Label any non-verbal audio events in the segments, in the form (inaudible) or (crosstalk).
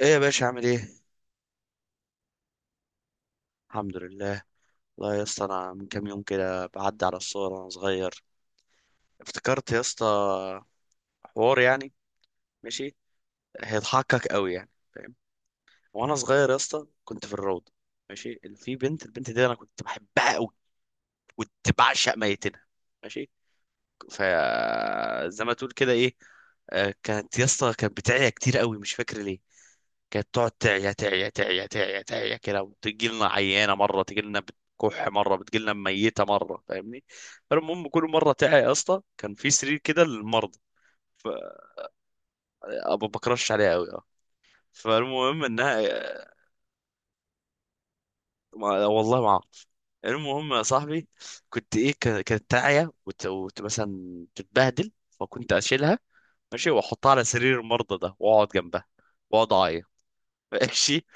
ايه يا باشا عامل ايه؟ الحمد لله. والله يا اسطى، انا من كام يوم كده بعدي على الصور وانا صغير. افتكرت يا اسطى حوار يعني. ماشي. هيضحكك قوي يعني، فاهم؟ وانا صغير يا اسطى كنت في الروضه. ماشي، اللي في البنت دي انا كنت بحبها قوي، كنت بعشق ميتينها. ماشي. ف زي ما تقول كده ايه. كانت يا اسطى، كانت بتعيا كتير قوي، مش فاكر ليه. كانت تقعد تعيا تعيا تعيا تعيا تعيا كده، وتجي لنا عيانه مره، تجي لنا بتكح مره، بتجي لنا ميته مره، فاهمني؟ فالمهم، كل مره تعيا يا اسطى، كان في سرير كده للمرضى. ف أبو بكرش عليها قوي، اه. فالمهم انها ما... والله ما اعرف. المهم يا صاحبي، كانت تعيا مثلا تتبهدل، فكنت اشيلها. ماشي، واحطها على سرير المرضى ده، واقعد جنبها، واقعد اعيط. ماشي.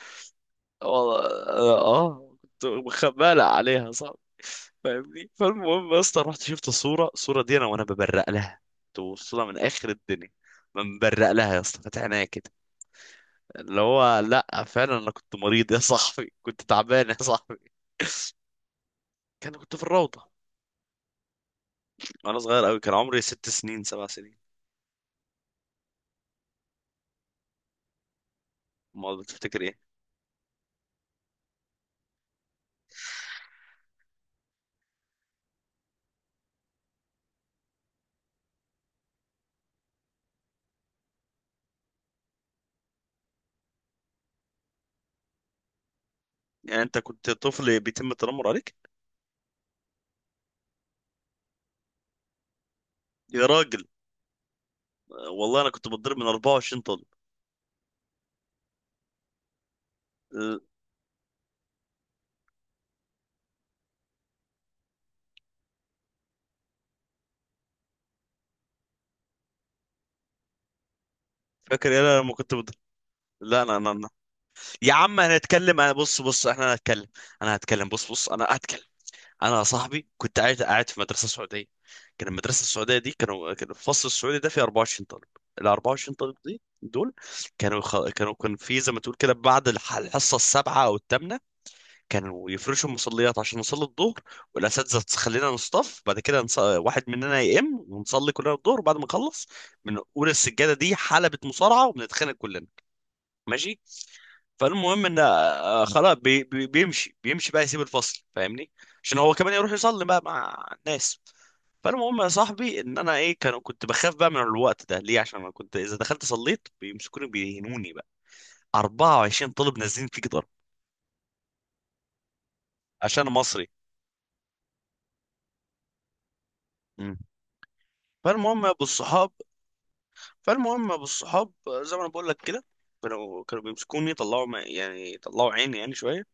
والله اه آه، كنت خبالة عليها، صح؟ فاهمني. فالمهم يا اسطى، رحت شفت الصورة دي انا وانا ببرق لها، توصلها من اخر الدنيا. من برق لها يا اسطى، فاتح عينيا كده، اللي هو لا فعلا انا كنت مريض يا صاحبي، كنت تعبان يا صاحبي. كنت في الروضة، وانا صغير قوي، كان عمري ست سنين سبع سنين. ما بتفتكر ايه؟ يعني انت كنت طفل بيتم التنمر عليك. يا راجل، والله انا كنت بتضرب من 24 طالب. فاكر ايه أنا لما كنت بتضرب؟ لا لا لا، يا عم هنتكلم، انا بص بص احنا هنتكلم، انا هتكلم، بص بص انا هتكلم. انا يا صاحبي كنت قاعد في مدرسه سعوديه. كان المدرسه السعوديه دي، كان الفصل السعودي ده فيه 24 طالب. ال 24 طالب دي دول كانوا خ... كانوا كان في، زي ما تقول كده، بعد الحصه السابعه او الثامنه، كانوا يفرشوا المصليات عشان نصلي الظهر. والاساتذه تخلينا نصطف، بعد كده واحد مننا يقم، ونصلي كلنا الظهر، وبعد ما نخلص بنقول السجاده دي حلبة مصارعه وبنتخانق كلنا. ماشي. فالمهم ان خلاص بي بي بيمشي بيمشي بقى، يسيب الفصل فاهمني، عشان هو كمان يروح يصلي بقى مع الناس. فالمهم يا صاحبي ان انا ايه، كنت بخاف بقى من الوقت ده، ليه؟ عشان انا كنت اذا دخلت صليت بيمسكوني بيهنوني بقى، 24 طالب نازلين فيك ضرب. عشان أنا مصري. مم. فالمهم يا ابو الصحاب، زي ما انا بقول لك كده، كانوا بيمسكوني، طلعوا يعني طلعوا عيني يعني شويه.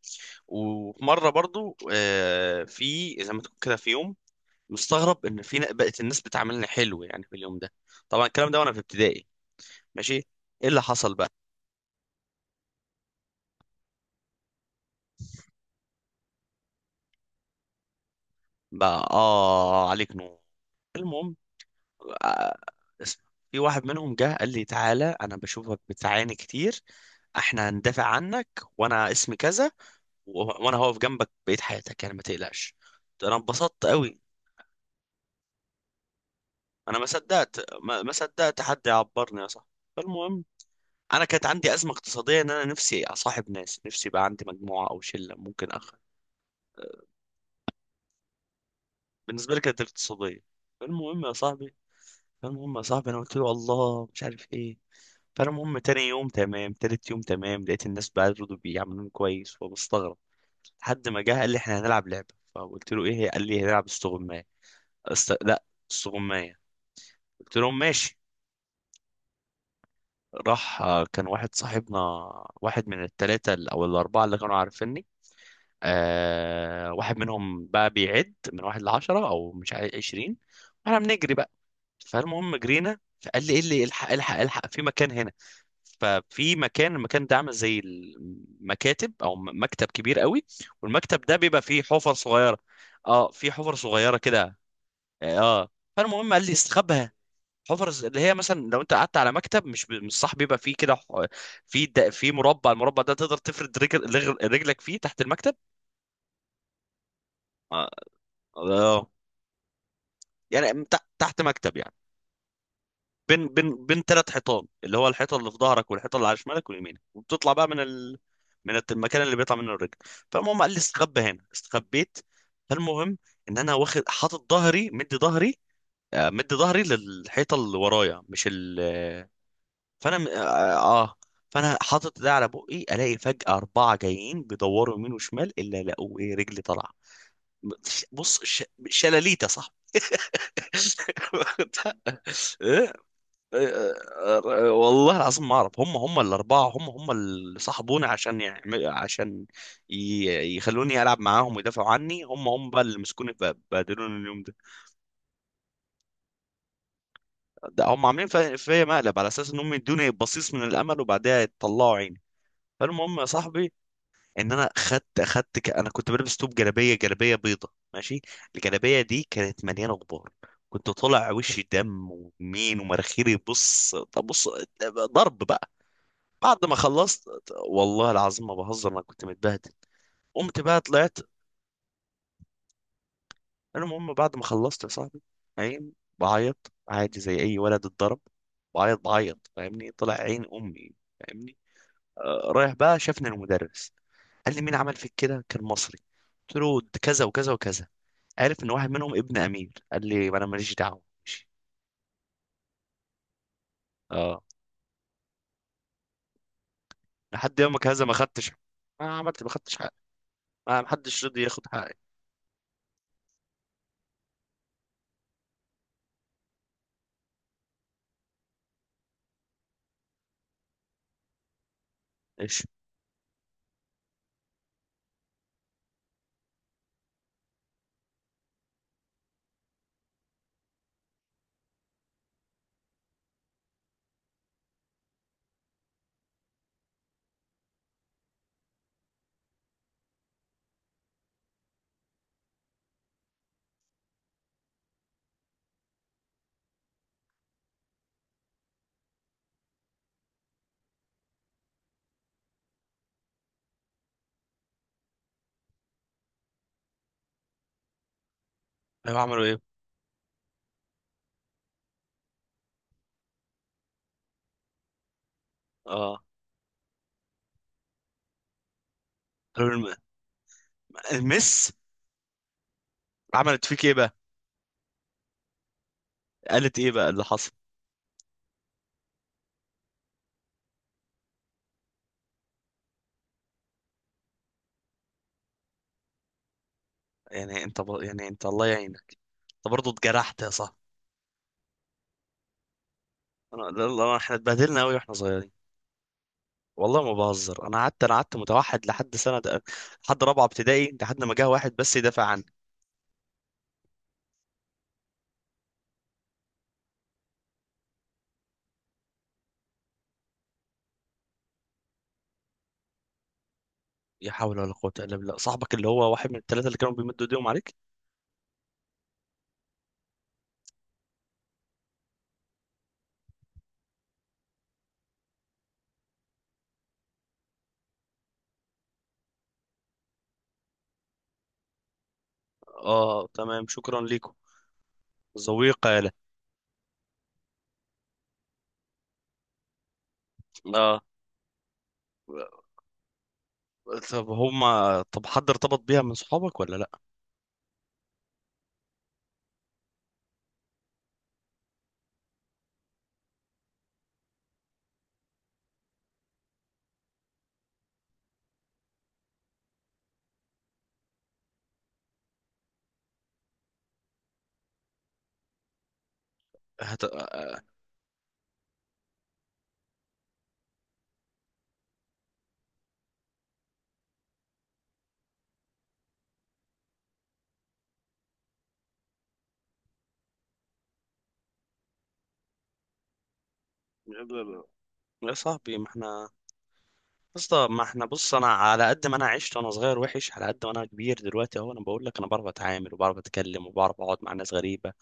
ومره برضو، في زي ما تقول كده في يوم، مستغرب ان بقت الناس بتعاملني حلو، يعني في اليوم ده. طبعا الكلام ده وانا في ابتدائي. ماشي. ايه اللي حصل بقى؟ بقى اه عليك نور. المهم، آه، اسمع. في واحد منهم جه قال لي: تعالى، انا بشوفك بتعاني كتير، احنا هندافع عنك، وانا اسمي كذا، وانا هقف جنبك بقية حياتك يعني، ما تقلقش. انا انبسطت قوي. انا ما صدقت، ما صدقت حد يعبرني يا صاحبي. فالمهم، انا كانت عندي ازمه اقتصاديه، ان انا نفسي اصاحب ناس، نفسي يبقى عندي مجموعه او شله، ممكن اخ. بالنسبه لي كانت اقتصاديه. فالمهم يا صاحبي، انا قلت له: الله، مش عارف ايه. فالمهم، تاني يوم تمام، تالت يوم تمام، لقيت الناس بيردوا بي عاملين كويس، فبستغرب. لحد ما جه قال لي: احنا هنلعب لعبه. فقلت له: ايه هي؟ قال لي: هنلعب استغمايه. لا، استغمايه. قلت لهم: ماشي. راح، كان واحد صاحبنا، واحد من الثلاثه او الاربعه اللي كانوا عارفيني، آه، واحد منهم بقى بيعد من واحد لعشرة او مش عارف عشرين، واحنا بنجري بقى. فالمهم جرينا، فقال لي: ايه اللي الحق الحق الحق في مكان هنا. ففي المكان ده عامل زي المكاتب، او مكتب كبير قوي. والمكتب ده بيبقى فيه حفر صغيرة. اه، في حفر صغيرة كده. اه، فالمهم قال لي استخبها. حفر اللي هي مثلا لو انت قعدت على مكتب، مش صح، بيبقى فيه كده في مربع، المربع ده تقدر تفرد رجلك فيه تحت المكتب. اه. آه. يعني تحت مكتب يعني، بين ثلاث حيطان، اللي هو الحيطه اللي في ظهرك، والحيطه اللي على شمالك واليمينك، وبتطلع بقى من من المكان اللي بيطلع منه الرجل. فالمهم قال لي: استخبى هنا، استخبيت. فالمهم، ان انا واخد حاطط ظهري، مدي ظهري مدي ظهري للحيطه اللي ورايا، مش ال آه، فانا آه. فانا حاطط ده على بقي، الاقي فجاه اربعه جايين بيدوروا يمين وشمال، الا لقوا ايه؟ رجلي طالعه. بص شلاليت يا صاحبي. (laughs) آه، آه، والله العظيم ما اعرف، هم الاربعه، هم اللي صاحبوني عشان يعمل، عشان يخلوني العب معاهم ويدافعوا عني، هم بقى اللي مسكوني بهدلوني اليوم ده. ده هم عاملين فيا مقلب، على اساس ان هم يدوني بصيص من الامل، وبعدها يطلعوا عيني. فالمهم يا صاحبي، ان انا انا كنت بلبس توب جلابيه، بيضه ماشي. الجلابيه دي كانت مليانه غبار، كنت طالع وشي دم ومين ومراخيري. بص طب بص، ضرب بقى. بعد ما خلصت، والله العظيم ما بهزر، انا كنت متبهدل. قمت بقى طلعت. المهم، بعد ما خلصت يا صاحبي، عين، بعيط عادي زي اي ولد اتضرب. بعيط، فاهمني؟ طلع عين امي، فاهمني. رايح بقى، شافني المدرس قال لي: مين عمل فيك كده؟ كان مصري. قلت له: ده كذا وكذا وكذا. عارف ان واحد منهم ابن امير، قال لي: ما انا ماليش دعوه، ماشي. اه، لحد يومك هذا ما خدتش. ما خدتش حقي، ما حدش رضي ياخد حقي. ايش؟ ايوه، عملوا ايه؟ اه، قالوا المس. عملت فيك ايه بقى؟ قالت ايه بقى اللي حصل؟ يعني انت الله يعينك، انت برضه اتجرحت يا صاحبي. انا لا، احنا اتبهدلنا قوي واحنا صغيرين. والله ما بهزر، انا قعدت، متوحد لحد سنه، لحد رابعه ابتدائي، لحد ما جه واحد بس يدافع عني. لا حول ولا قوه الا بالله، صاحبك اللي هو واحد من الثلاثه اللي كانوا بيمدوا ايديهم عليك؟ اه، تمام، شكرا ليكم. ذوي قالة. اه. طب هما، حد ارتبط بيها من صحابك ولا لا؟ هت... يا صاحبي، ما احنا، اسطى ما احنا بص، انا على قد ما انا عشت وانا صغير وحش، على قد ما انا كبير دلوقتي اهو، انا بقول لك، انا بعرف اتعامل، وبعرف اتكلم، وبعرف اقعد مع ناس غريبه.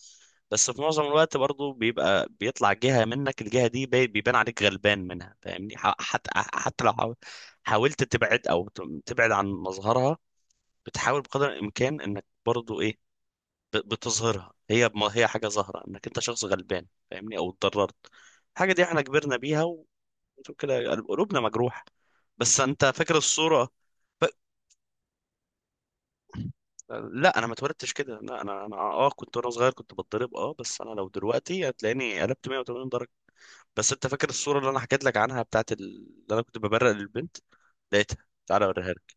بس في معظم الوقت برضو، بيبقى بيطلع جهه منك الجهه دي بيبان عليك غلبان منها، فاهمني؟ حتى لو حاولت تبعد، او تبعد عن مظهرها، بتحاول بقدر الامكان انك برضو ايه، بتظهرها، هي ما هي حاجه ظاهره، انك انت شخص غلبان فاهمني، او اتضررت. الحاجه دي احنا كبرنا بيها كده، يعني قلوبنا مجروح. بس انت فاكر الصورة؟ ف... لا انا ما اتولدتش كده، لا انا، كنت وانا صغير كنت بتضرب، اه، بس انا لو دلوقتي هتلاقيني قلبت 180 درجة. بس انت فاكر الصورة اللي انا حكيت لك عنها بتاعت اللي انا كنت ببرق للبنت؟ لقيتها، تعالى اوريها لك.